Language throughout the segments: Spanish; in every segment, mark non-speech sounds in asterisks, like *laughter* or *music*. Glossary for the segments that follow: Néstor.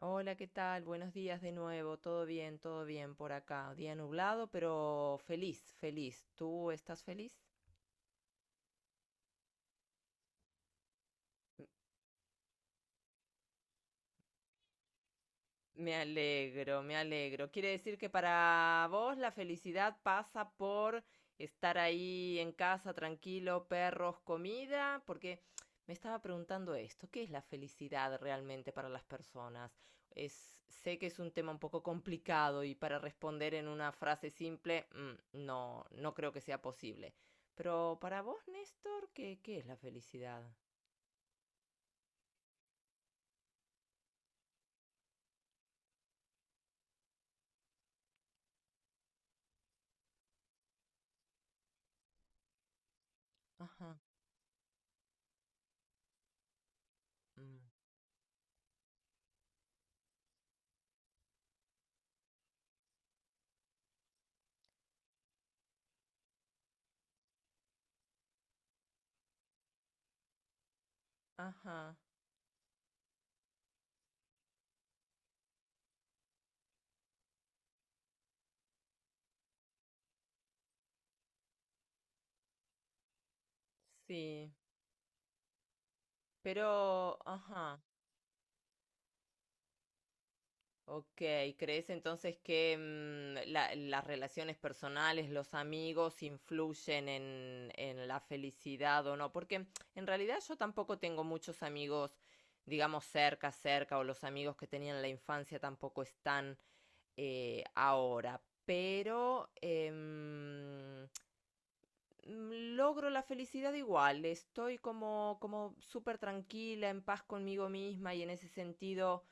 Hola, ¿qué tal? Buenos días de nuevo. Todo bien por acá. Día nublado, pero feliz, feliz. ¿Tú estás feliz? Me alegro, me alegro. Quiere decir que para vos la felicidad pasa por estar ahí en casa tranquilo, perros, comida, porque me estaba preguntando esto, ¿qué es la felicidad realmente para las personas? Es, sé que es un tema un poco complicado y para responder en una frase simple, no, no creo que sea posible. Pero para vos, Néstor, ¿qué es la felicidad? Ajá, mm, ajá, sí, pero, ajá. Ok, ¿crees entonces que las relaciones personales, los amigos influyen en la felicidad o no? Porque en realidad yo tampoco tengo muchos amigos, digamos, cerca, cerca, o los amigos que tenía en la infancia tampoco están ahora. Pero logro la felicidad igual, estoy como súper tranquila, en paz conmigo misma y en ese sentido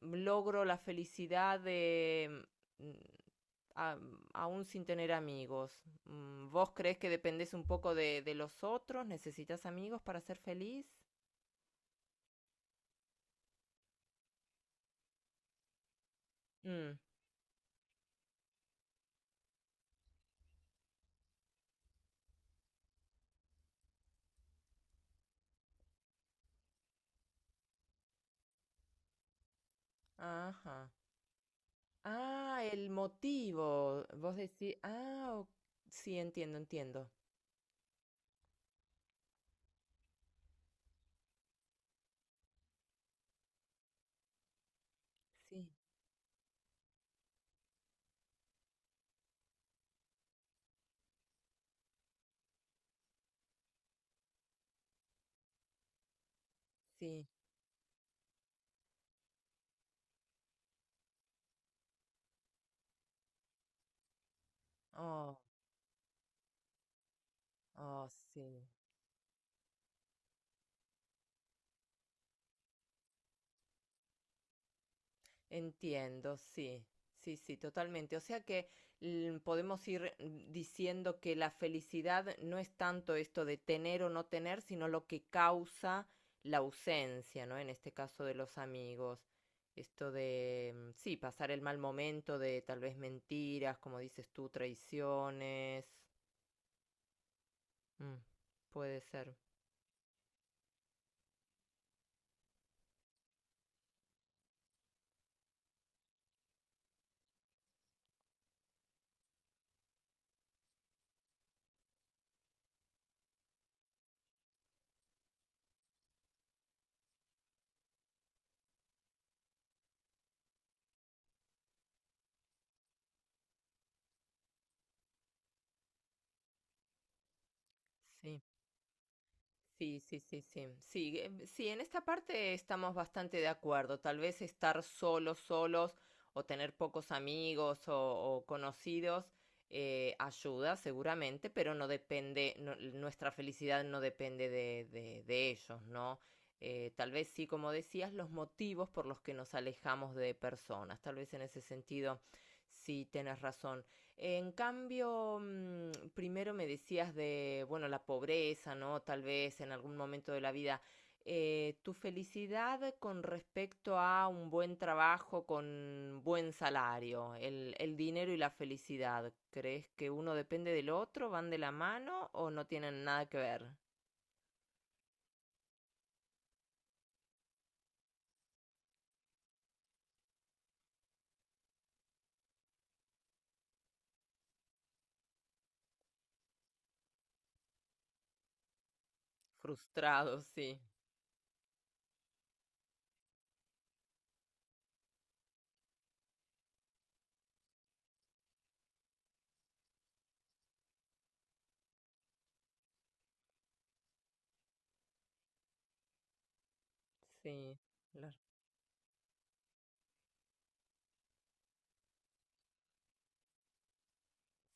logro la felicidad de, mm, a- aún sin tener amigos. ¿Vos crees que dependés un poco de los otros? ¿Necesitas amigos para ser feliz? Mm, ajá. Ah, el motivo. Vos decís, ah, sí, entiendo, entiendo. Sí, sí. Oh, oh, sí. Entiendo, sí, sí, sí, totalmente. O sea que podemos ir diciendo que la felicidad no es tanto esto de tener o no tener, sino lo que causa la ausencia, ¿no? En este caso de los amigos. Esto de, mm, sí, pasar el mal momento de tal vez mentiras, como dices tú, traiciones. Mm, puede ser. Sí. Sí, sí, sí, sí. Sí, sí, en esta parte estamos bastante de acuerdo. Tal vez estar solos, solos, o tener pocos amigos o conocidos ayuda seguramente, pero no depende, nuestra felicidad no depende de ellos, ¿no? Tal vez sí, como decías, los motivos por los que nos alejamos de personas. Tal vez en ese sentido sí tenés razón. En cambio, primero me decías de, bueno, la pobreza, ¿no? Tal vez en algún momento de la vida. Tu felicidad con respecto a un buen trabajo con buen salario, el dinero y la felicidad, ¿crees que uno depende del otro, van de la mano o no tienen nada que ver? Frustrado, sí, sí, la-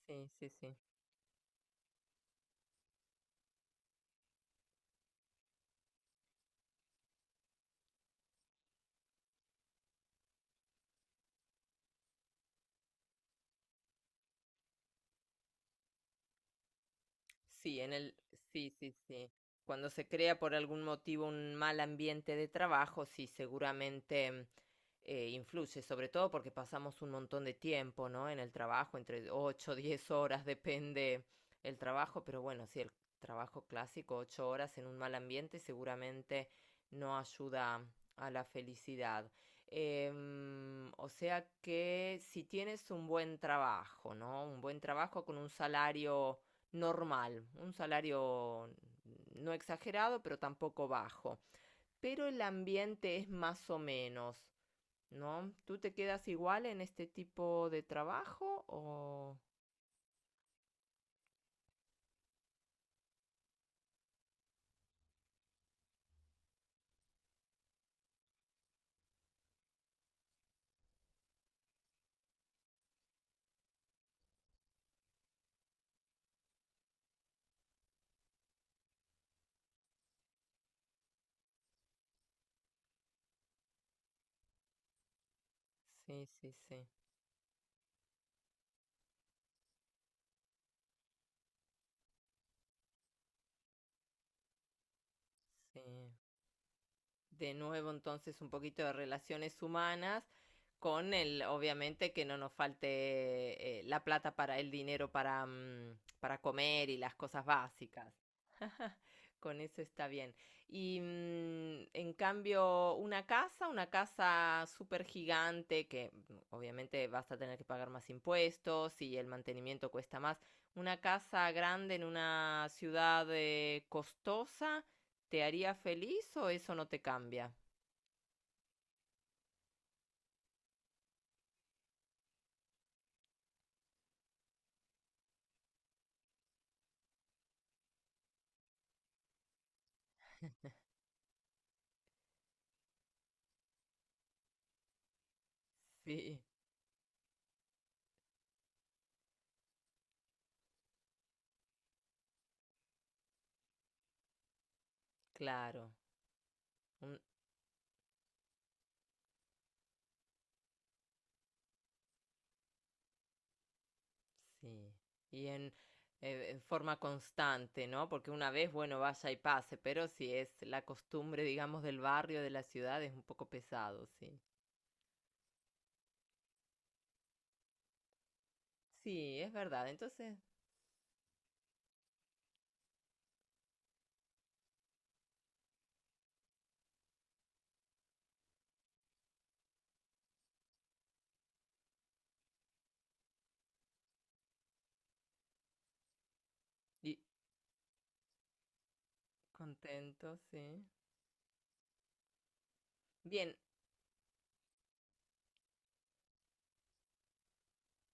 sí, sí, sí. Sí, sí, sí, sí. Cuando se crea por algún motivo un mal ambiente de trabajo, sí, seguramente influye, sobre todo porque pasamos un montón de tiempo, ¿no? En el trabajo, entre 8, o 10 horas, depende el trabajo, pero bueno, si el trabajo clásico, 8 horas en un mal ambiente, seguramente no ayuda a la felicidad. O sea que si tienes un buen trabajo, ¿no? Un buen trabajo con un salario normal, un salario no exagerado, pero tampoco bajo. Pero el ambiente es más o menos, ¿no? ¿Tú te quedas igual en este tipo de trabajo o? Sí, sí, sí, sí. De nuevo, entonces, un poquito de relaciones humanas con el, obviamente, que no nos falte la plata para el dinero para comer y las cosas básicas. Con eso está bien. Y en cambio, una casa súper gigante, que obviamente vas a tener que pagar más impuestos y el mantenimiento cuesta más, una casa grande en una ciudad costosa, ¿te haría feliz o eso no te cambia? Sí, claro. Un- Sí, y en forma constante, ¿no? Porque una vez, bueno, vaya y pase, pero si es la costumbre, digamos, del barrio, de la ciudad, es un poco pesado, sí. Sí, es verdad. Entonces, y contento, sí. Bien,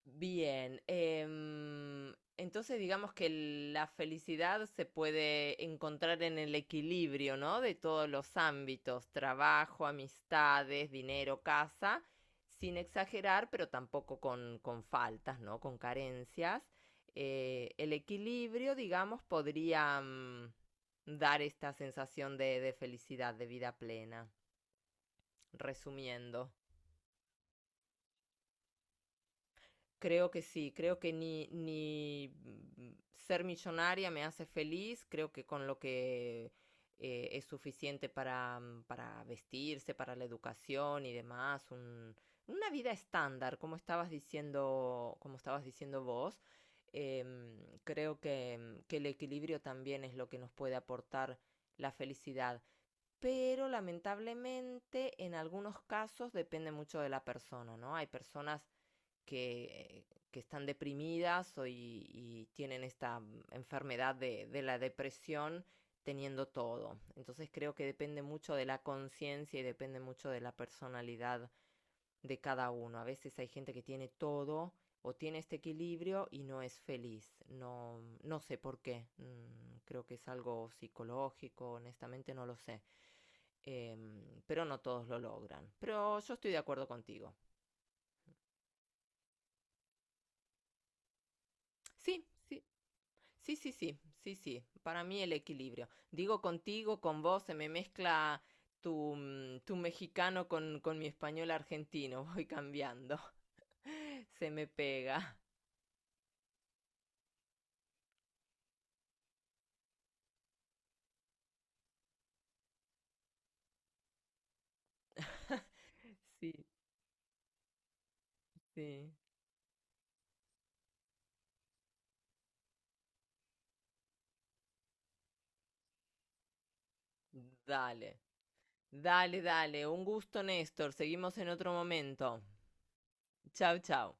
bien, entonces digamos que la felicidad se puede encontrar en el equilibrio, ¿no? De todos los ámbitos, trabajo, amistades, dinero, casa, sin exagerar, pero tampoco con faltas, ¿no? Con carencias. El equilibrio, digamos, podría dar esta sensación de felicidad, de vida plena, resumiendo. Creo que sí, creo que ni ser millonaria me hace feliz, creo que con lo que es suficiente para vestirse, para la educación y demás, una vida estándar, como estabas diciendo vos. Em, creo que el equilibrio también es lo que nos puede aportar la felicidad pero lamentablemente en algunos casos depende mucho de la persona, ¿no? Hay personas que, que están deprimidas y tienen esta enfermedad de la depresión teniendo todo. Entonces creo que depende mucho de la conciencia y depende mucho de la personalidad de cada uno. A veces hay gente que tiene todo o tiene este equilibrio y no es feliz. No, no sé por qué. Creo que es algo psicológico, honestamente no lo sé. Eh, pero no todos lo logran. Pero yo estoy de acuerdo contigo. Sí, sí. Sí, sí, sí, sí, sí. Para mí el equilibrio. Digo contigo, con vos, se me mezcla tu mexicano con mi español argentino. Voy cambiando. *laughs* Se me pega. *laughs* Sí, sí. Dale, dale, dale. Un gusto, Néstor. Seguimos en otro momento. Chau, chau.